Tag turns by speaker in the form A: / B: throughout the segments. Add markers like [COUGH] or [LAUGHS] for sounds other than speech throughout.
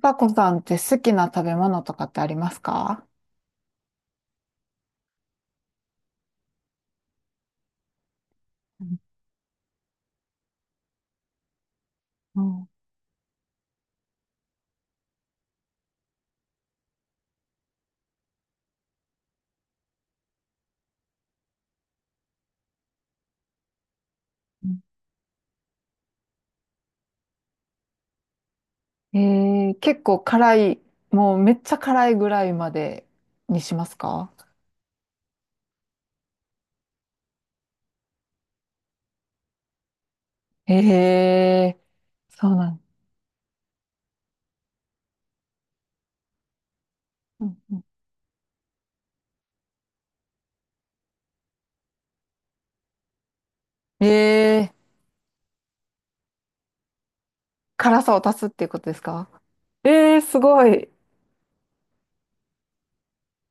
A: パコさんって好きな食べ物とかってありますか？うん。結構辛い、もうめっちゃ辛いぐらいまでにしますか？えー、そうなん。うんうん。辛さを足すっていうことですか？すごい。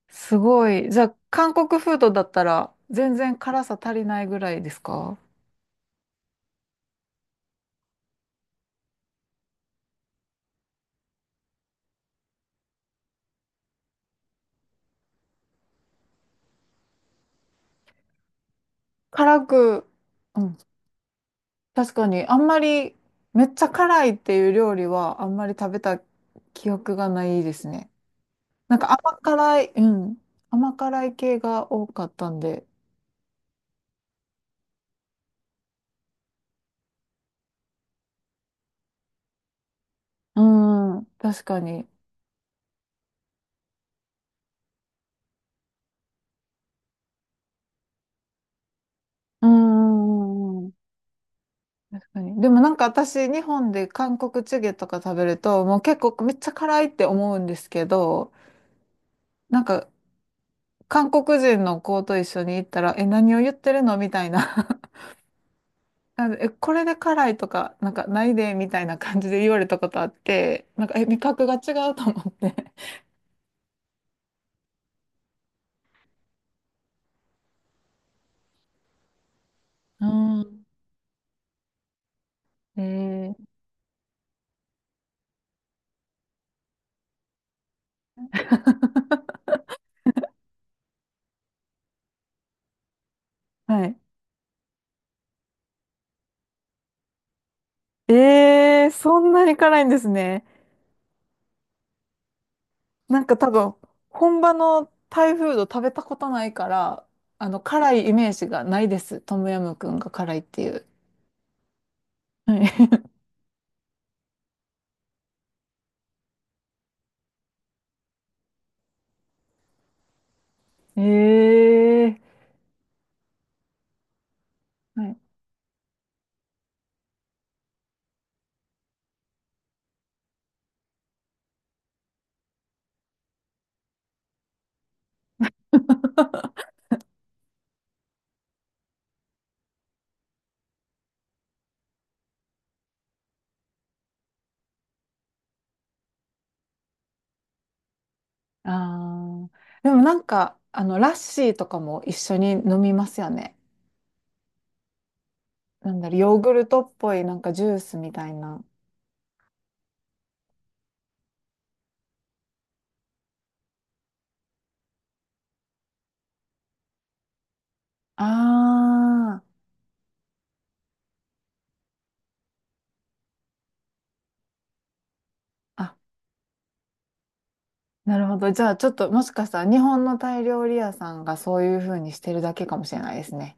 A: すごい。じゃあ、韓国フードだったら全然辛さ足りないぐらいですか？辛く、うん、確かにあんまりめっちゃ辛いっていう料理はあんまり食べた記憶がないですね。なんか甘辛い、うん。甘辛い系が多かったんで。うん、確かに。うん、うんうん、確かに。でもなんか私、日本で韓国チゲとか食べると、もう結構めっちゃ辛いって思うんですけど、なんか韓国人の子と一緒に行ったら、え、何を言ってるのみたいな [LAUGHS] なんでえ、これで辛いとか、なんかないで、みたいな感じで言われたことあって、なんか、え、味覚が違うと思って。うん。[LAUGHS] えー、はい。ええー、そんなに辛いんですね。なんか多分、本場のタイフード食べたことないから、辛いイメージがないです。トムヤムクンが辛いっていう。はい。[LAUGHS] ええー、はい。あーでもなんか、ラッシーとかも一緒に飲みますよね。なんだろう、ヨーグルトっぽいなんかジュースみたいな。ああ。あ、なるほど。じゃあちょっともしかしたら日本のタイ料理屋さんがそういう風にしてるだけかもしれないですね。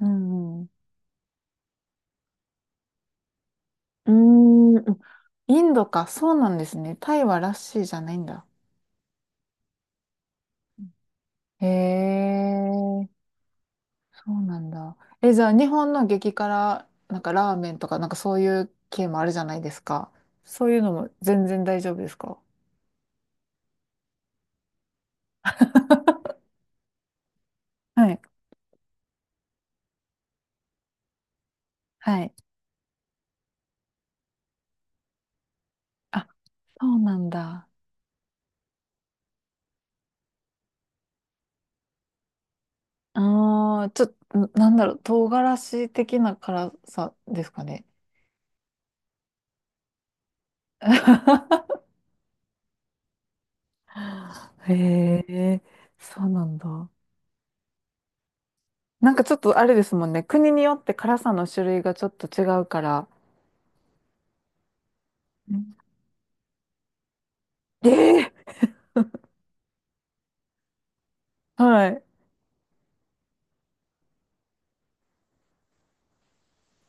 A: うんうん。うーん、インドか。そうなんですね。タイはラッシーじゃないんだ。へえ、そうなんだ。え、じゃあ日本の激辛、なんかラーメンとか、なんかそういう系もあるじゃないですか。そういうのも全然大丈夫ですか？ [LAUGHS] はい。はい。あ、そうなんだ。ああ、ちょっと、なんだろう、唐辛子的な辛さですかね。[LAUGHS] へえ、そうなんだ。なんかちょっとあれですもんね。国によって辛さの種類がちょっと違うから。うん、ええ、はい。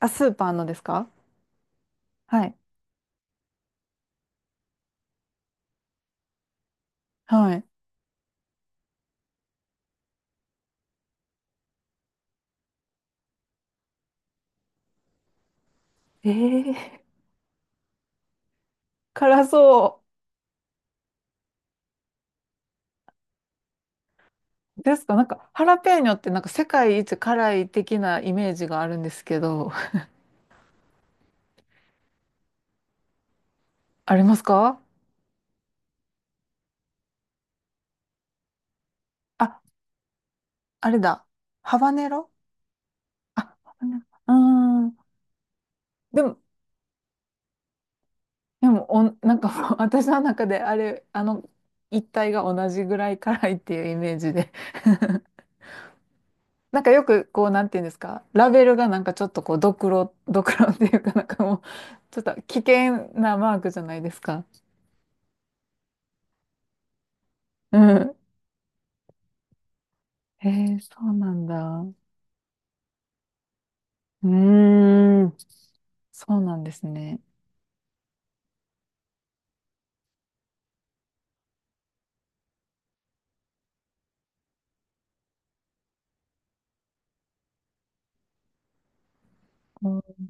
A: あ、スーパーのですか？はい。はい。ええ、辛そうですか？なんか、ハラペーニョってなんか世界一辛い的なイメージがあるんですけど、[LAUGHS] ありますか？あ、あれだ。ハバネロ。あ、ハバネロ。うーん。でも、でも、なんかもう [LAUGHS] 私の中であれ、あの一体が同じぐらい辛いっていうイメージで。なんかよくこう、なんていうんですか、ラベルがなんかちょっとこう、ドクロ、[LAUGHS] ドクロっていうかなんかもう、ちょっと危険なマークじゃないですか。うん。へえ、そうなんだ。うーん。そうなんですね。うん。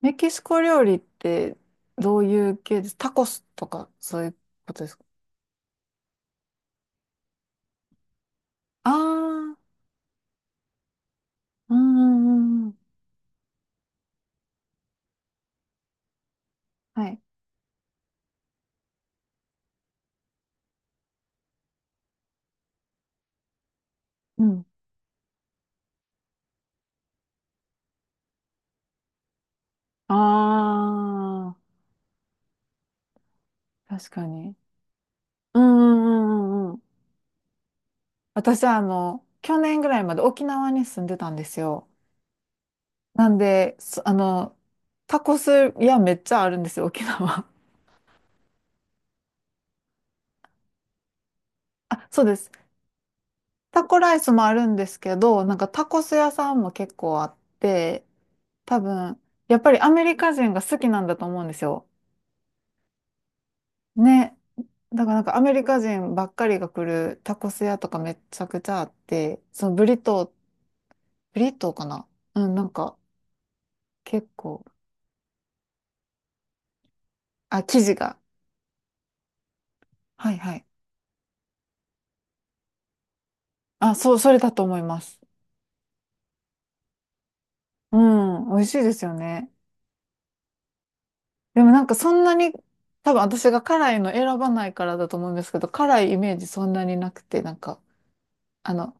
A: メキシコ料理ってどういう系です？タコスとかそういうことですか？ああー、ううんうん。はい。うん。ああ、確かに。うんうんうんうんうん。私は去年ぐらいまで沖縄に住んでたんですよ。なんで、そあの、タコス屋めっちゃあるんですよ、沖縄。[LAUGHS] あ、そうです。タコライスもあるんですけど、なんかタコス屋さんも結構あって、多分、やっぱりアメリカ人が好きなんだと思うんですよ。ね。だからなんかアメリカ人ばっかりが来るタコス屋とかめちゃくちゃあって、そのブリトー、ブリトーかな？うん、なんか結構、あ、生地が。はいはい。あ、そう、それだと思います。うん、美味しいですよね。でもなんかそんなに、多分私が辛いの選ばないからだと思うんですけど、辛いイメージそんなになくて、なんか、あの、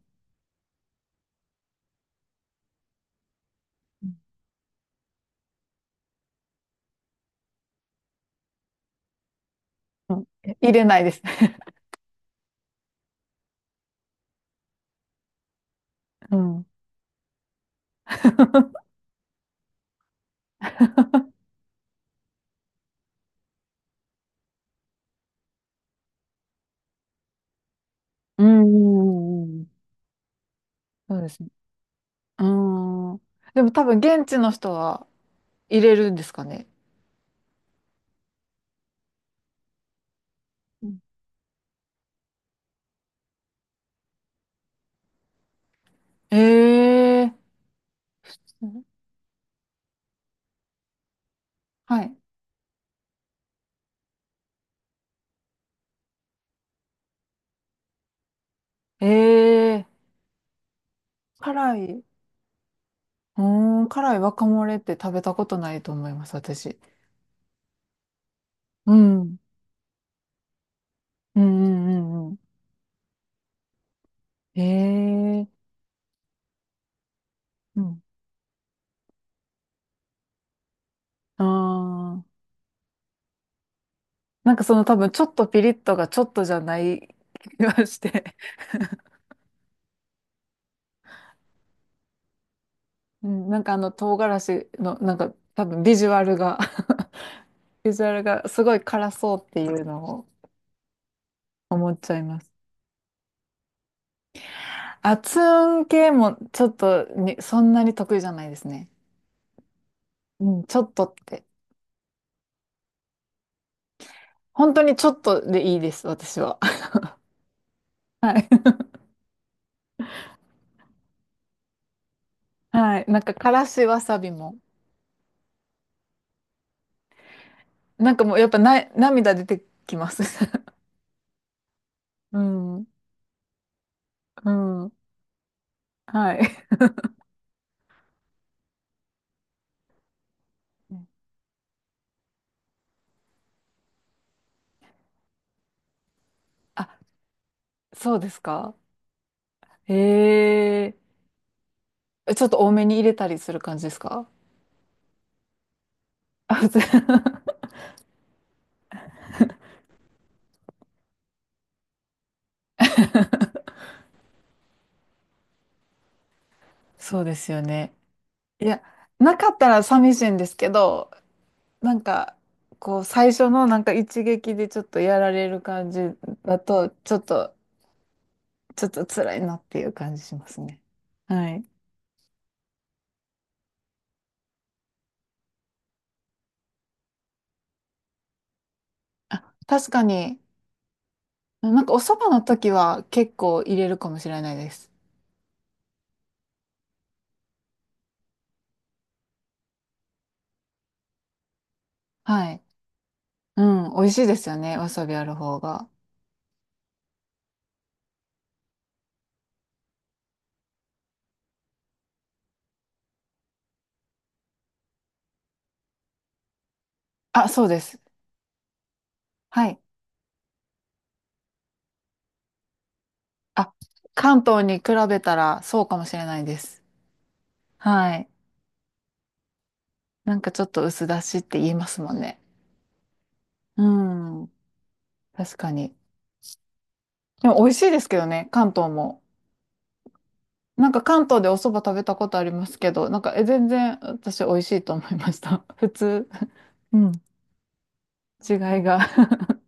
A: うん、入れないです。[LAUGHS] うん。うん、[LAUGHS] うんうん、そうですね。うん。でも多分現地の人は入れるんですかね。うん、ええ、普通、はい。ええ、辛い。うーん、辛い若漏れって食べたことないと思います、私。うん。うんうんうんうん。へえ。うん。ああ。なんかその多分ちょっとピリッとがちょっとじゃない気がして。[LAUGHS] うん、なんかあの唐辛子のなんか多分ビジュアルが [LAUGHS] ビジュアルがすごい辛そうっていうのを思っちゃいます。熱運系もちょっとにそんなに得意じゃないですね。うん、ちょっとって。本当にちょっとでいいです、私は。[LAUGHS] はい。はい。なんか、からしわさびも。なんかもう、やっぱな、涙出てきます。[LAUGHS] うん。うん。はい。[LAUGHS] あ、そうですか。ええ、ちょっと多めに入れたりする感じですか？あ、普通。 [LAUGHS] そうですよね。いや、なかったら寂しいんですけど、なんか、こう、最初のなんか一撃でちょっとやられる感じだと、ちょっと、ちょっと辛いなっていう感じしますね。はい。あ、確かに、なんかお蕎麦の時は結構入れるかもしれないです。はい。うん、美味しいですよね、わさびある方が。あ、そうです。はい。あ、関東に比べたらそうかもしれないです。はい。なんかちょっと薄出しって言いますもんね。うん。確かに。でも美味しいですけどね、関東も。なんか関東でお蕎麦食べたことありますけど、なんか全然私美味しいと思いました。[LAUGHS] 普通。うん。違いが。[LAUGHS]